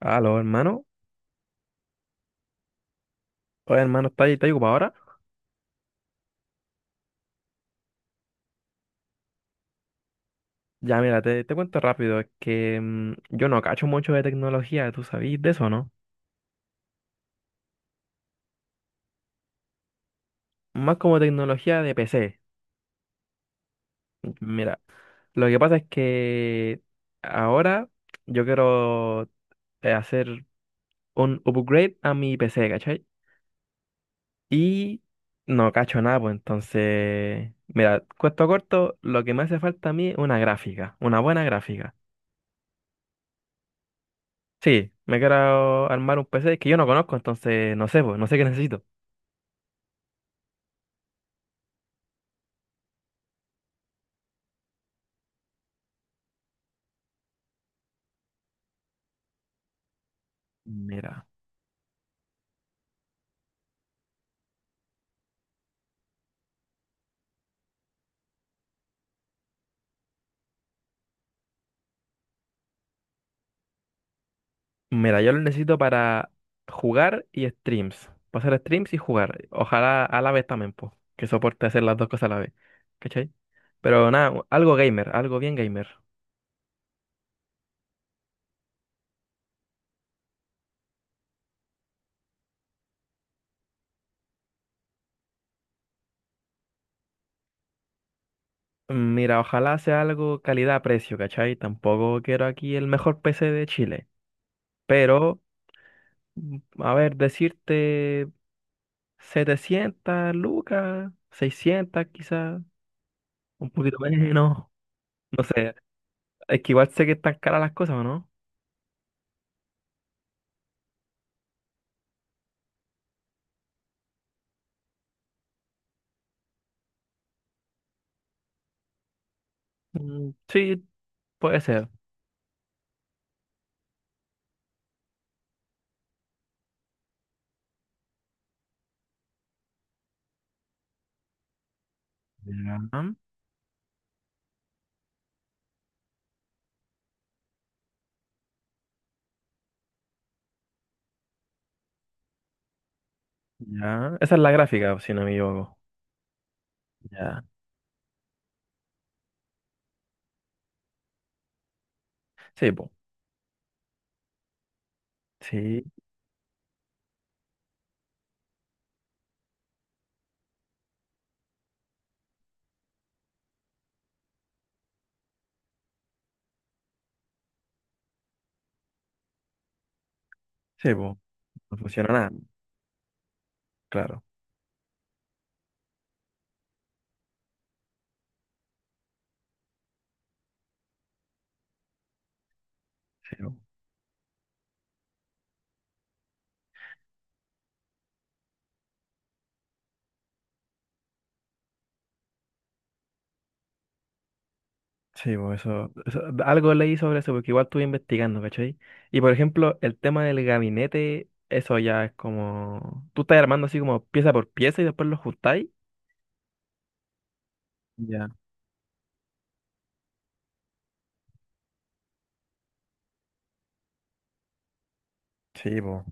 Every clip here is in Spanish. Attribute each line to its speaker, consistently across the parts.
Speaker 1: Aló, hermano. Oye, hermano, ¿ estás ocupado ahora? Ya, mira, te cuento rápido. Es que yo no cacho mucho de tecnología, ¿tú sabís de eso, no? Más como tecnología de PC. Mira, lo que pasa es que ahora yo quiero hacer un upgrade a mi PC, ¿cachai? Y no cacho nada, pues entonces, mira, cuento corto, lo que me hace falta a mí es una gráfica, una buena gráfica. Sí, me quiero armar un PC que yo no conozco, entonces no sé, pues, no sé qué necesito. Mira, mira, yo lo necesito para jugar y streams. Para hacer streams y jugar. Ojalá a la vez también, pues, que soporte hacer las dos cosas a la vez. ¿Cachai? Pero nada, algo gamer, algo bien gamer. Mira, ojalá sea algo calidad-precio, ¿cachai? Tampoco quiero aquí el mejor PC de Chile. Pero, a ver, decirte 700, lucas, 600, quizás, un poquito menos. No sé, es que igual sé que están caras las cosas, ¿o no? Mm, sí, puede ser. Ya, ya. Esa es la gráfica, si no me equivoco. Ya. Sí, po. Sí, sí, po. No funciona nada, claro. Sí, po. Sí, po. Algo leí sobre eso, porque igual estuve investigando, ¿cachai? Y por ejemplo, el tema del gabinete, eso ya es como. Tú estás armando así como pieza por pieza y después lo juntáis. Ya. Sí, po.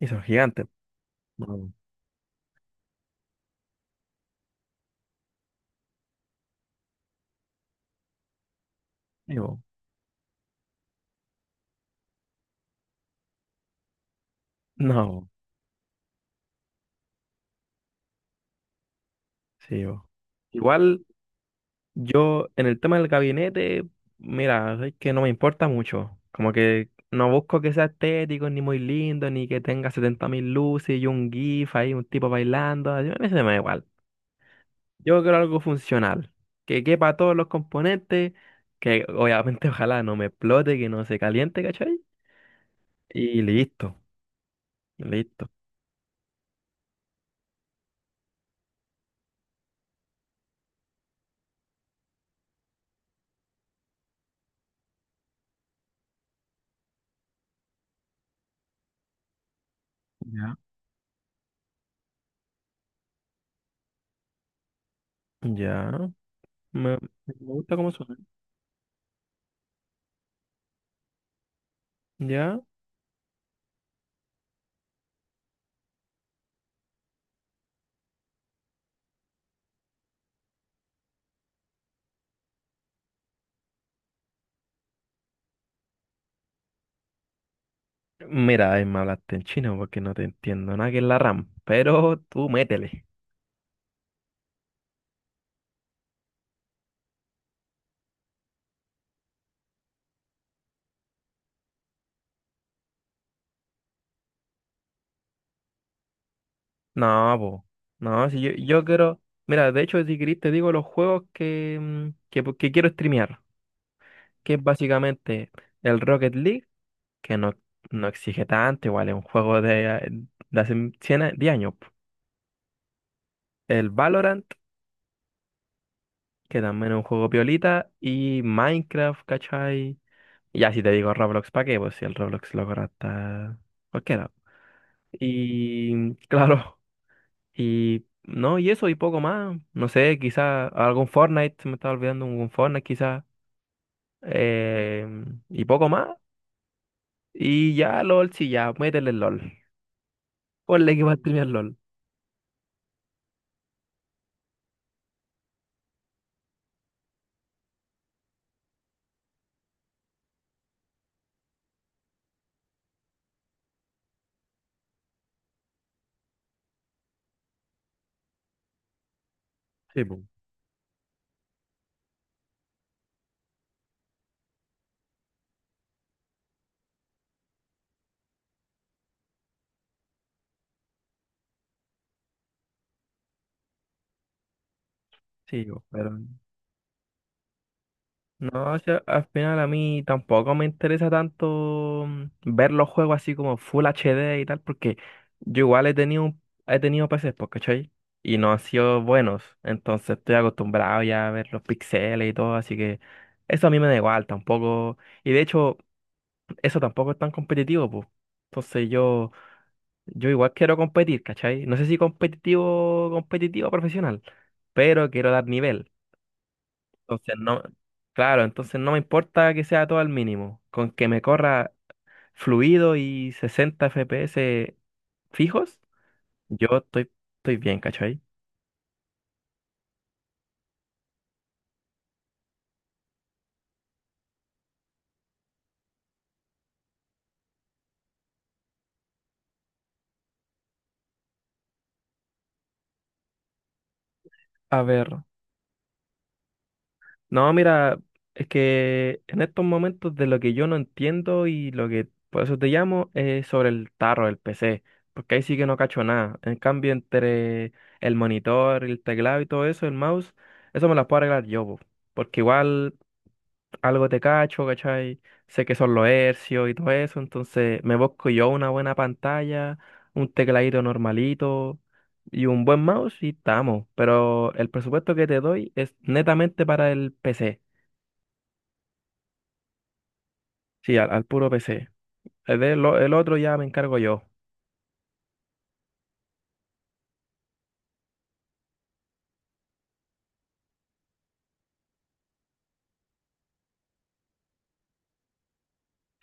Speaker 1: Y son gigantes. No, sí, po. No, po. Sí, po. Igual. Yo, en el tema del gabinete, mira, es que no me importa mucho. Como que no busco que sea estético, ni muy lindo, ni que tenga 70.000 luces y un GIF ahí, un tipo bailando. A mí se me da igual. Yo quiero algo funcional, que quepa todos los componentes, que obviamente ojalá no me explote, que no se caliente, ¿cachai? Y listo, listo. Ya. Ya, me, me gusta cómo suena. Ya. Mira, ahí me hablaste en chino porque no te entiendo nada que es la RAM, pero tú métele. No, po. No, si yo quiero. Mira, de hecho, si querés, te digo los juegos que quiero streamear. Que es básicamente el Rocket League, que no exige tanto, igual es un juego de hace 100 10 años, po. El Valorant, que también es un juego piolita. Y Minecraft, ¿cachai? Y ya si te digo Roblox, ¿para qué? Pues si el Roblox lo corre hasta cualquiera. Y claro, y no, y eso y poco más. No sé, quizá algún Fortnite, se me estaba olvidando un Fortnite quizá. eh, y poco más. Y ya LOL, sí, ya, métele el LOL. Ponle que va a streamear LOL. Sí, po. Sí, po, pero no, o sea, al final a mí tampoco me interesa tanto ver los juegos así como Full HD y tal, porque yo igual he tenido PCs, pues, ¿cachai? Y no han sido buenos, entonces estoy acostumbrado ya a ver los píxeles y todo, así que eso a mí me da igual tampoco. Y de hecho, eso tampoco es tan competitivo, pues. Entonces yo igual quiero competir, ¿cachai? No sé si competitivo, competitivo profesional, pero quiero dar nivel. Entonces no, claro, entonces no me importa que sea todo al mínimo, con que me corra fluido y 60 FPS fijos, yo estoy bien, ¿cachai? A ver, no, mira, es que en estos momentos de lo que yo no entiendo y lo que por eso te llamo es sobre el tarro del PC, porque ahí sí que no cacho nada. En cambio, entre el monitor, el teclado y todo eso, el mouse, eso me las puedo arreglar yo, po, porque igual algo te cacho, ¿cachai? Sé que son los hercios y todo eso, entonces me busco yo una buena pantalla, un tecladito normalito y un buen mouse y estamos. Pero el presupuesto que te doy es netamente para el PC, sí, al puro PC. El otro ya me encargo yo.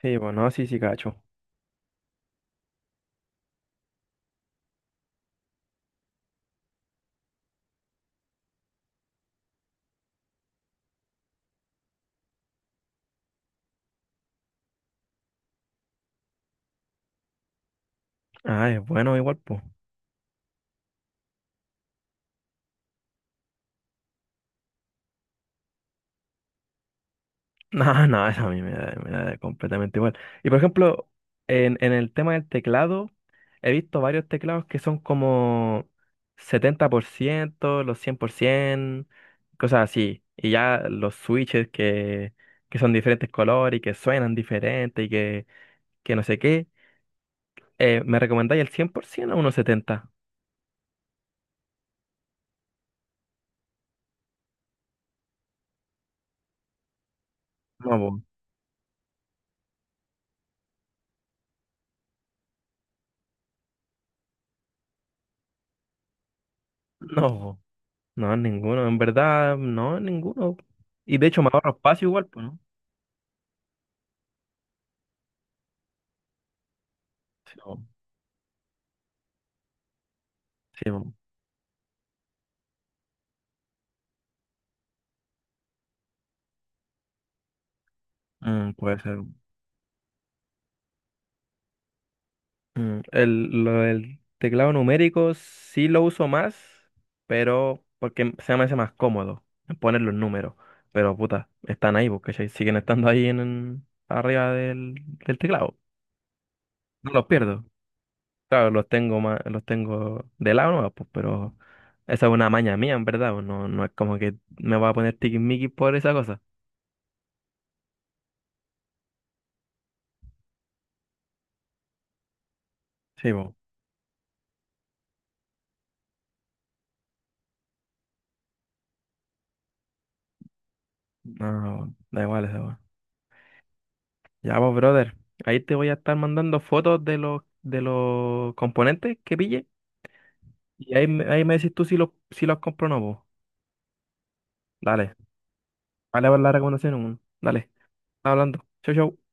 Speaker 1: Sí, bueno, sí, sí, cacho. Ah, es bueno igual, pues. No, no, eso a mí me da completamente igual. Y por ejemplo, en el tema del teclado, he visto varios teclados que son como 70% los 100% cosas así. Y ya los switches que son diferentes colores y que suenan diferente y que no sé qué. ¿Me recomendáis el 100% o unos 70 No, po. No, po. No, ninguno. En verdad, no, ninguno. Y de hecho me ahorro espacio igual, pues, ¿no? Sí, po. Sí, po. Puede ser. Lo del teclado numérico sí lo uso más, pero porque se me hace más cómodo poner los números. Pero puta, están ahí, porque siguen estando ahí arriba del teclado. No los pierdo. Claro, los tengo más, los tengo de lado nomás, pues, pero esa es una maña mía, en verdad. Pues, no, no es como que me voy a poner tiquismiquis por esa cosa. Sí, pues. No, da igual esa weá. Ya, pues, brother. Ahí te voy a estar mandando fotos de los componentes que pille. Y ahí, ahí me decís tú si los compro o no, po. Dale. Vale, vale la recomendación. Weón. Dale. Hablando. Chau, chau.